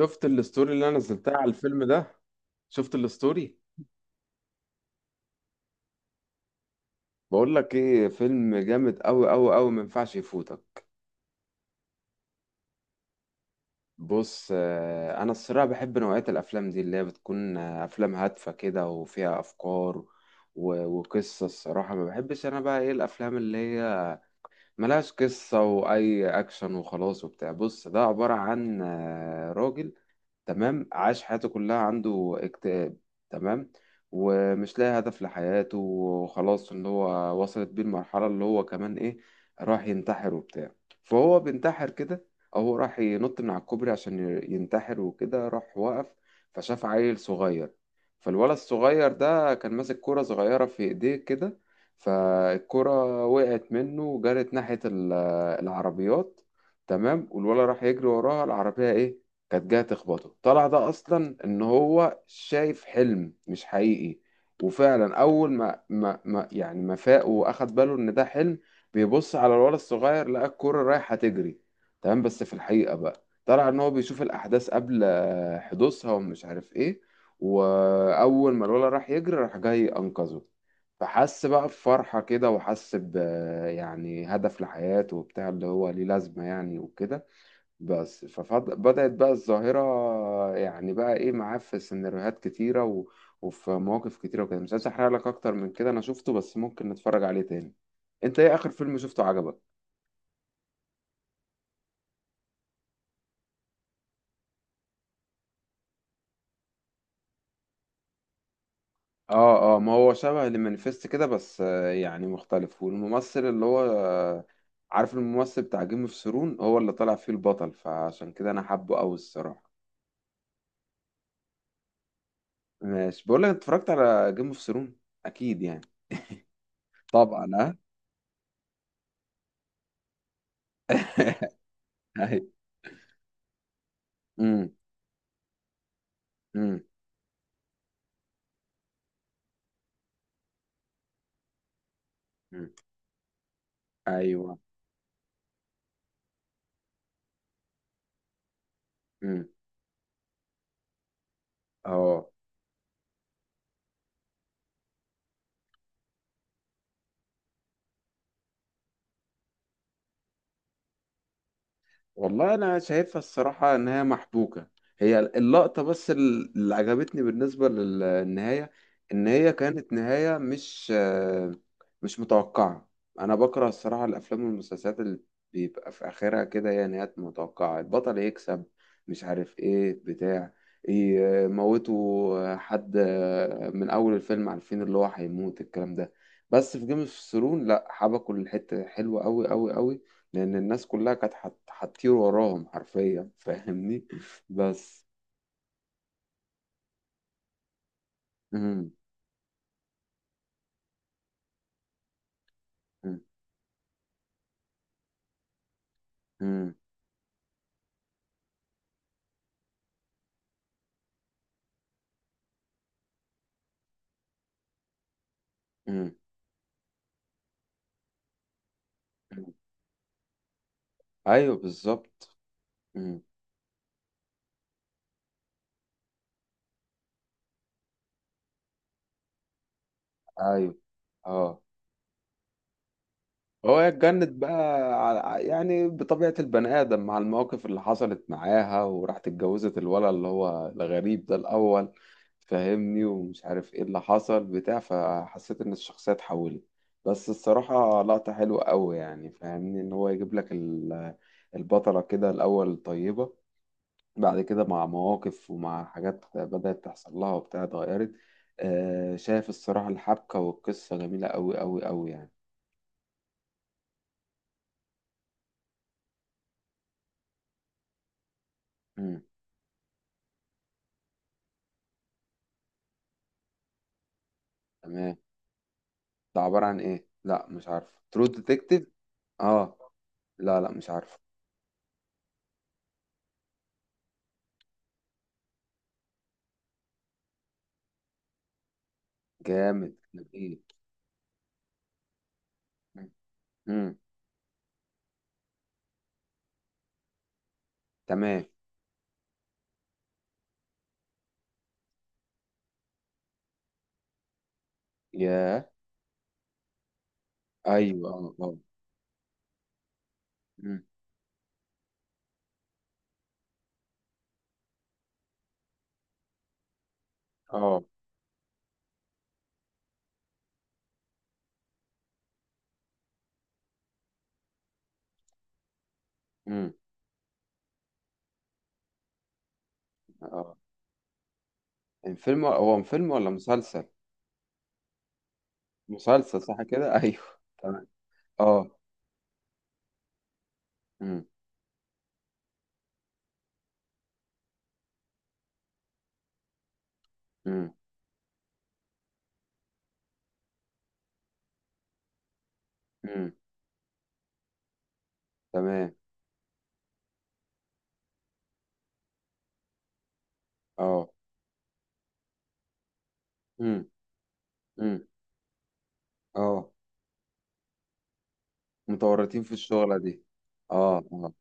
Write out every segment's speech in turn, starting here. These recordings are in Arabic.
شفت الستوري اللي انا نزلتها على الفيلم ده. شفت الستوري. بقول لك ايه، فيلم جامد قوي قوي قوي، ما ينفعش يفوتك. بص، انا الصراحه بحب نوعيه الافلام دي اللي هي بتكون، افلام هادفه كده وفيها افكار وقصه. الصراحه ما بحبش انا بقى ايه الافلام اللي هي ملهاش قصه واي اكشن وخلاص وبتاع. بص ده عباره عن راجل، تمام، عاش حياته كلها عنده اكتئاب. تمام. ومش لاقي هدف لحياته، وخلاص اللي هو وصلت بيه المرحلة اللي هو كمان ايه، راح ينتحر وبتاع. فهو بينتحر كده. او هو راح ينط من على الكوبري عشان ينتحر، وكده راح وقف. فشاف عيل صغير. فالولد الصغير ده كان ماسك كرة صغيرة في ايديه كده. فالكرة وقعت منه وجرت ناحية العربيات. تمام. والولد راح يجري وراها، العربية ايه كانت جاية تخبطه. طلع ده أصلا إن هو شايف حلم مش حقيقي. وفعلا أول ما يعني ما فاق وأخد باله إن ده حلم، بيبص على الولد الصغير، لقى الكرة رايحة تجري. تمام. بس في الحقيقة بقى طلع إن هو بيشوف الأحداث قبل حدوثها، ومش عارف إيه. وأول ما الولد راح يجري، راح جاي أنقذه. فحس بقى بفرحة كده، وحس ب يعني هدف لحياته وبتاع، اللي هو ليه لازمة يعني وكده. بس فبدأت بقى الظاهرة، يعني بقى ايه معاه في سيناريوهات كتيرة وفي مواقف كتيرة وكده. مش عايز احرق لك اكتر من كده، انا شفته بس ممكن نتفرج عليه تاني. انت ايه اخر فيلم شفته عجبك؟ اه اه، ما هو شبه المانيفست كده، بس يعني مختلف. والممثل اللي هو عارف الممثل بتاع جيم اوف ثرون، هو اللي طلع فيه البطل، فعشان كده انا حابه قوي الصراحة. ماشي، بقول لك، اتفرجت على جيم اوف ثرون؟ اكيد يعني. طبعا ها. أيوة. امم. امم. ايوه. امم. اه. والله انا شايفها الصراحه ان هي محبوكه. هي اللقطه بس اللي عجبتني بالنسبه للنهايه، ان هي كانت نهايه مش متوقعه. انا بكره الصراحه الافلام والمسلسلات اللي بيبقى في اخرها كده، يعني هي نهايات متوقعه، البطل يكسب، مش عارف ايه بتاع، يموتوا حد من اول الفيلم عارفين اللي هو هيموت، الكلام ده. بس في جيم اوف ثرون لا، حبكوا الحته حلوه قوي قوي قوي، لأن الناس كلها كانت هتطير وراهم حرفيا، فاهمني. بس. مم. مم. مم. مم. مم. أيوه بالظبط. مم. أيوه اه. هو اتجنت بقى. يعني بطبيعة البني آدم مع المواقف اللي حصلت معاها، وراحت اتجوزت الولد اللي هو الغريب ده الأول، فاهمني، ومش عارف ايه اللي حصل بتاع. فحسيت إن الشخصية اتحولت. بس الصراحة لقطة حلوة أوي، يعني فاهمني، إن هو يجيب لك البطلة كده الأول طيبة، بعد كده مع مواقف ومع حاجات بدأت تحصل لها وبتاع اتغيرت. شايف الصراحة الحبكة والقصة جميلة أوي أوي أوي يعني. مم. تمام. ده عبارة عن ايه؟ لا، مش عارف ترو ديتكتيف. اه. لا لا مش عارف. جامد. ايه. امم. تمام. يا. ايوه اه اه. مم. اه. مم. اه. يعني فيلم، هو فيلم ولا مسلسل؟ مسلسل صح كده. ايوه. تمام اه. امم. امم. امم. تمام. اه. امم. امم. اه، متورطين في الشغلة دي. اه اه.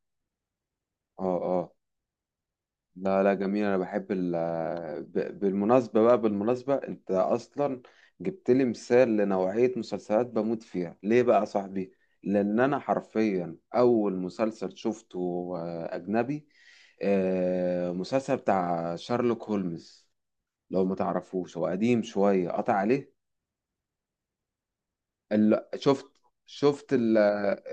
اه اه. لا لا جميل، انا بحب ال. بالمناسبة بقى، بالمناسبة انت اصلا جبت لي مثال لنوعية مسلسلات بموت فيها، ليه بقى يا صاحبي؟ لان انا حرفيا اول مسلسل شفته اجنبي، مسلسل بتاع شارلوك هولمز. لو ما تعرفوش، هو قديم شوية، قطع عليه. ال- شفت شفت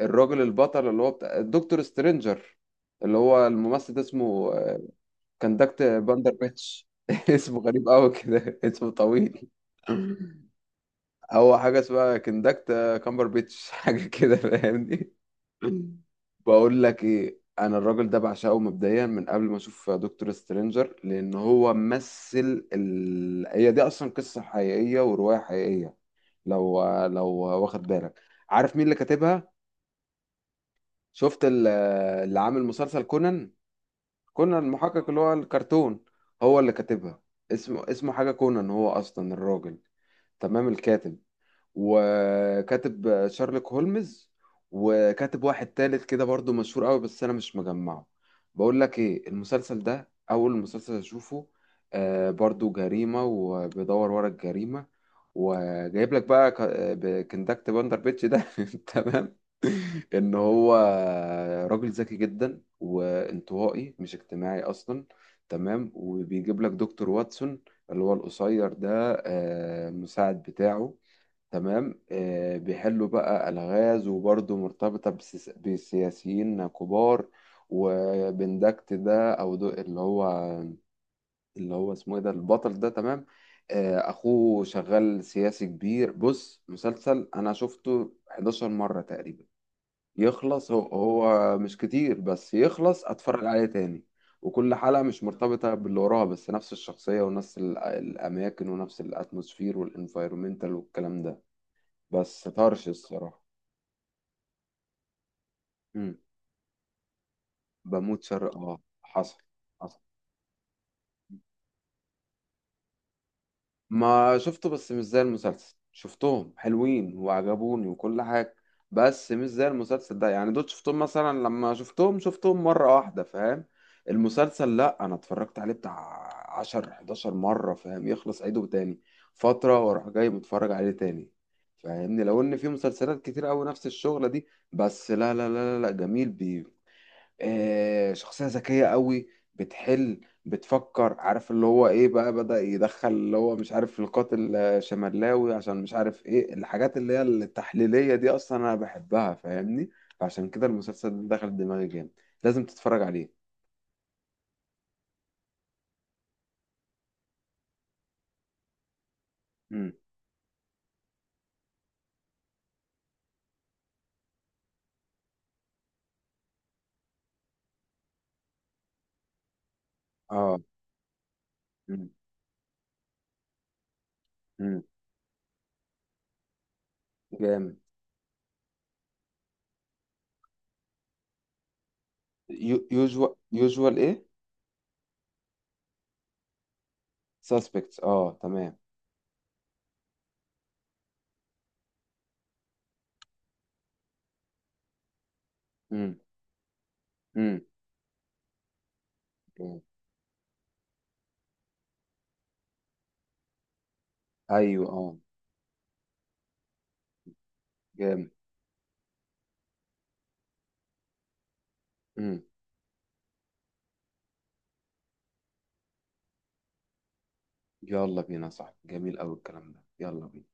الراجل البطل اللي هو بتاع دكتور سترينجر، اللي هو الممثل ده اسمه كندكت باندر بيتش. اسمه غريب قوي كده، اسمه طويل. هو حاجة اسمها كندكت كامبر بيتش. حاجة كده، فاهمني. بقول لك ايه، انا الراجل ده بعشقه مبدئيا من قبل ما اشوف دكتور سترينجر، لان هو مثل هي دي اصلا قصة حقيقية ورواية حقيقية. لو، واخد بالك، عارف مين اللي كاتبها؟ شفت اللي عامل مسلسل كونان، كونان المحقق اللي هو الكرتون؟ هو اللي كاتبها. اسمه حاجة كونان، هو أصلا الراجل، تمام، الكاتب. وكاتب شارلوك هولمز، وكاتب واحد تالت كده برضو مشهور قوي، بس انا مش مجمعه. بقول لك ايه، المسلسل ده اول مسلسل اشوفه، برضو جريمة وبيدور ورا الجريمة، وجايب لك بقى كندكت باندر بيتش ده. تمام، ان هو راجل ذكي جدا، وانطوائي، مش اجتماعي اصلا. تمام. وبيجيب لك دكتور واتسون اللي هو القصير ده، مساعد بتاعه. تمام. بيحلوا بقى ألغاز، وبرضه مرتبطة بسياسيين كبار. وبندكت ده أو دو اللي هو اسمه إيه، ده البطل ده، تمام. أخوه شغال سياسي كبير. بص، مسلسل أنا شفته 11 مرة تقريبا، يخلص هو مش كتير، بس يخلص أتفرج عليه تاني. وكل حلقة مش مرتبطة باللي وراها، بس نفس الشخصية ونفس الأماكن ونفس الأتموسفير والإنفايرومنتال والكلام ده، بس طرش الصراحة. امم. بموت شرق اه، حصل. حصل، ما شفته، بس مش زي المسلسل. شفتهم حلوين وعجبوني وكل حاجة، بس مش زي المسلسل ده، يعني دول شفتهم مثلا، لما شفتهم شفتهم مرة واحدة، فاهم. المسلسل لا، انا اتفرجت عليه بتاع 10 11 مرة، فاهم، يخلص عيده تاني فترة، واروح جاي متفرج عليه تاني، فاهمني. لو ان في مسلسلات كتير قوي نفس الشغلة دي، بس لا لا لا لا لا، جميل. شخصية ذكية قوي، بتحل، بتفكر، عارف اللي هو ايه بقى، بدأ يدخل اللي هو مش عارف القاتل شمالاوي، عشان مش عارف ايه، الحاجات اللي هي التحليلية دي اصلا انا بحبها، فاهمني. فعشان كده المسلسل ده دخل دماغي جامد، لازم تتفرج عليه. امم اه. امم. امم. جامد. يوجوال. يوجوال ايه. ساسبكتس اه، تمام. امم. امم. ايوه اه. جامد. امم. يلا بينا، صح، جميل قوي الكلام ده، يلا بينا.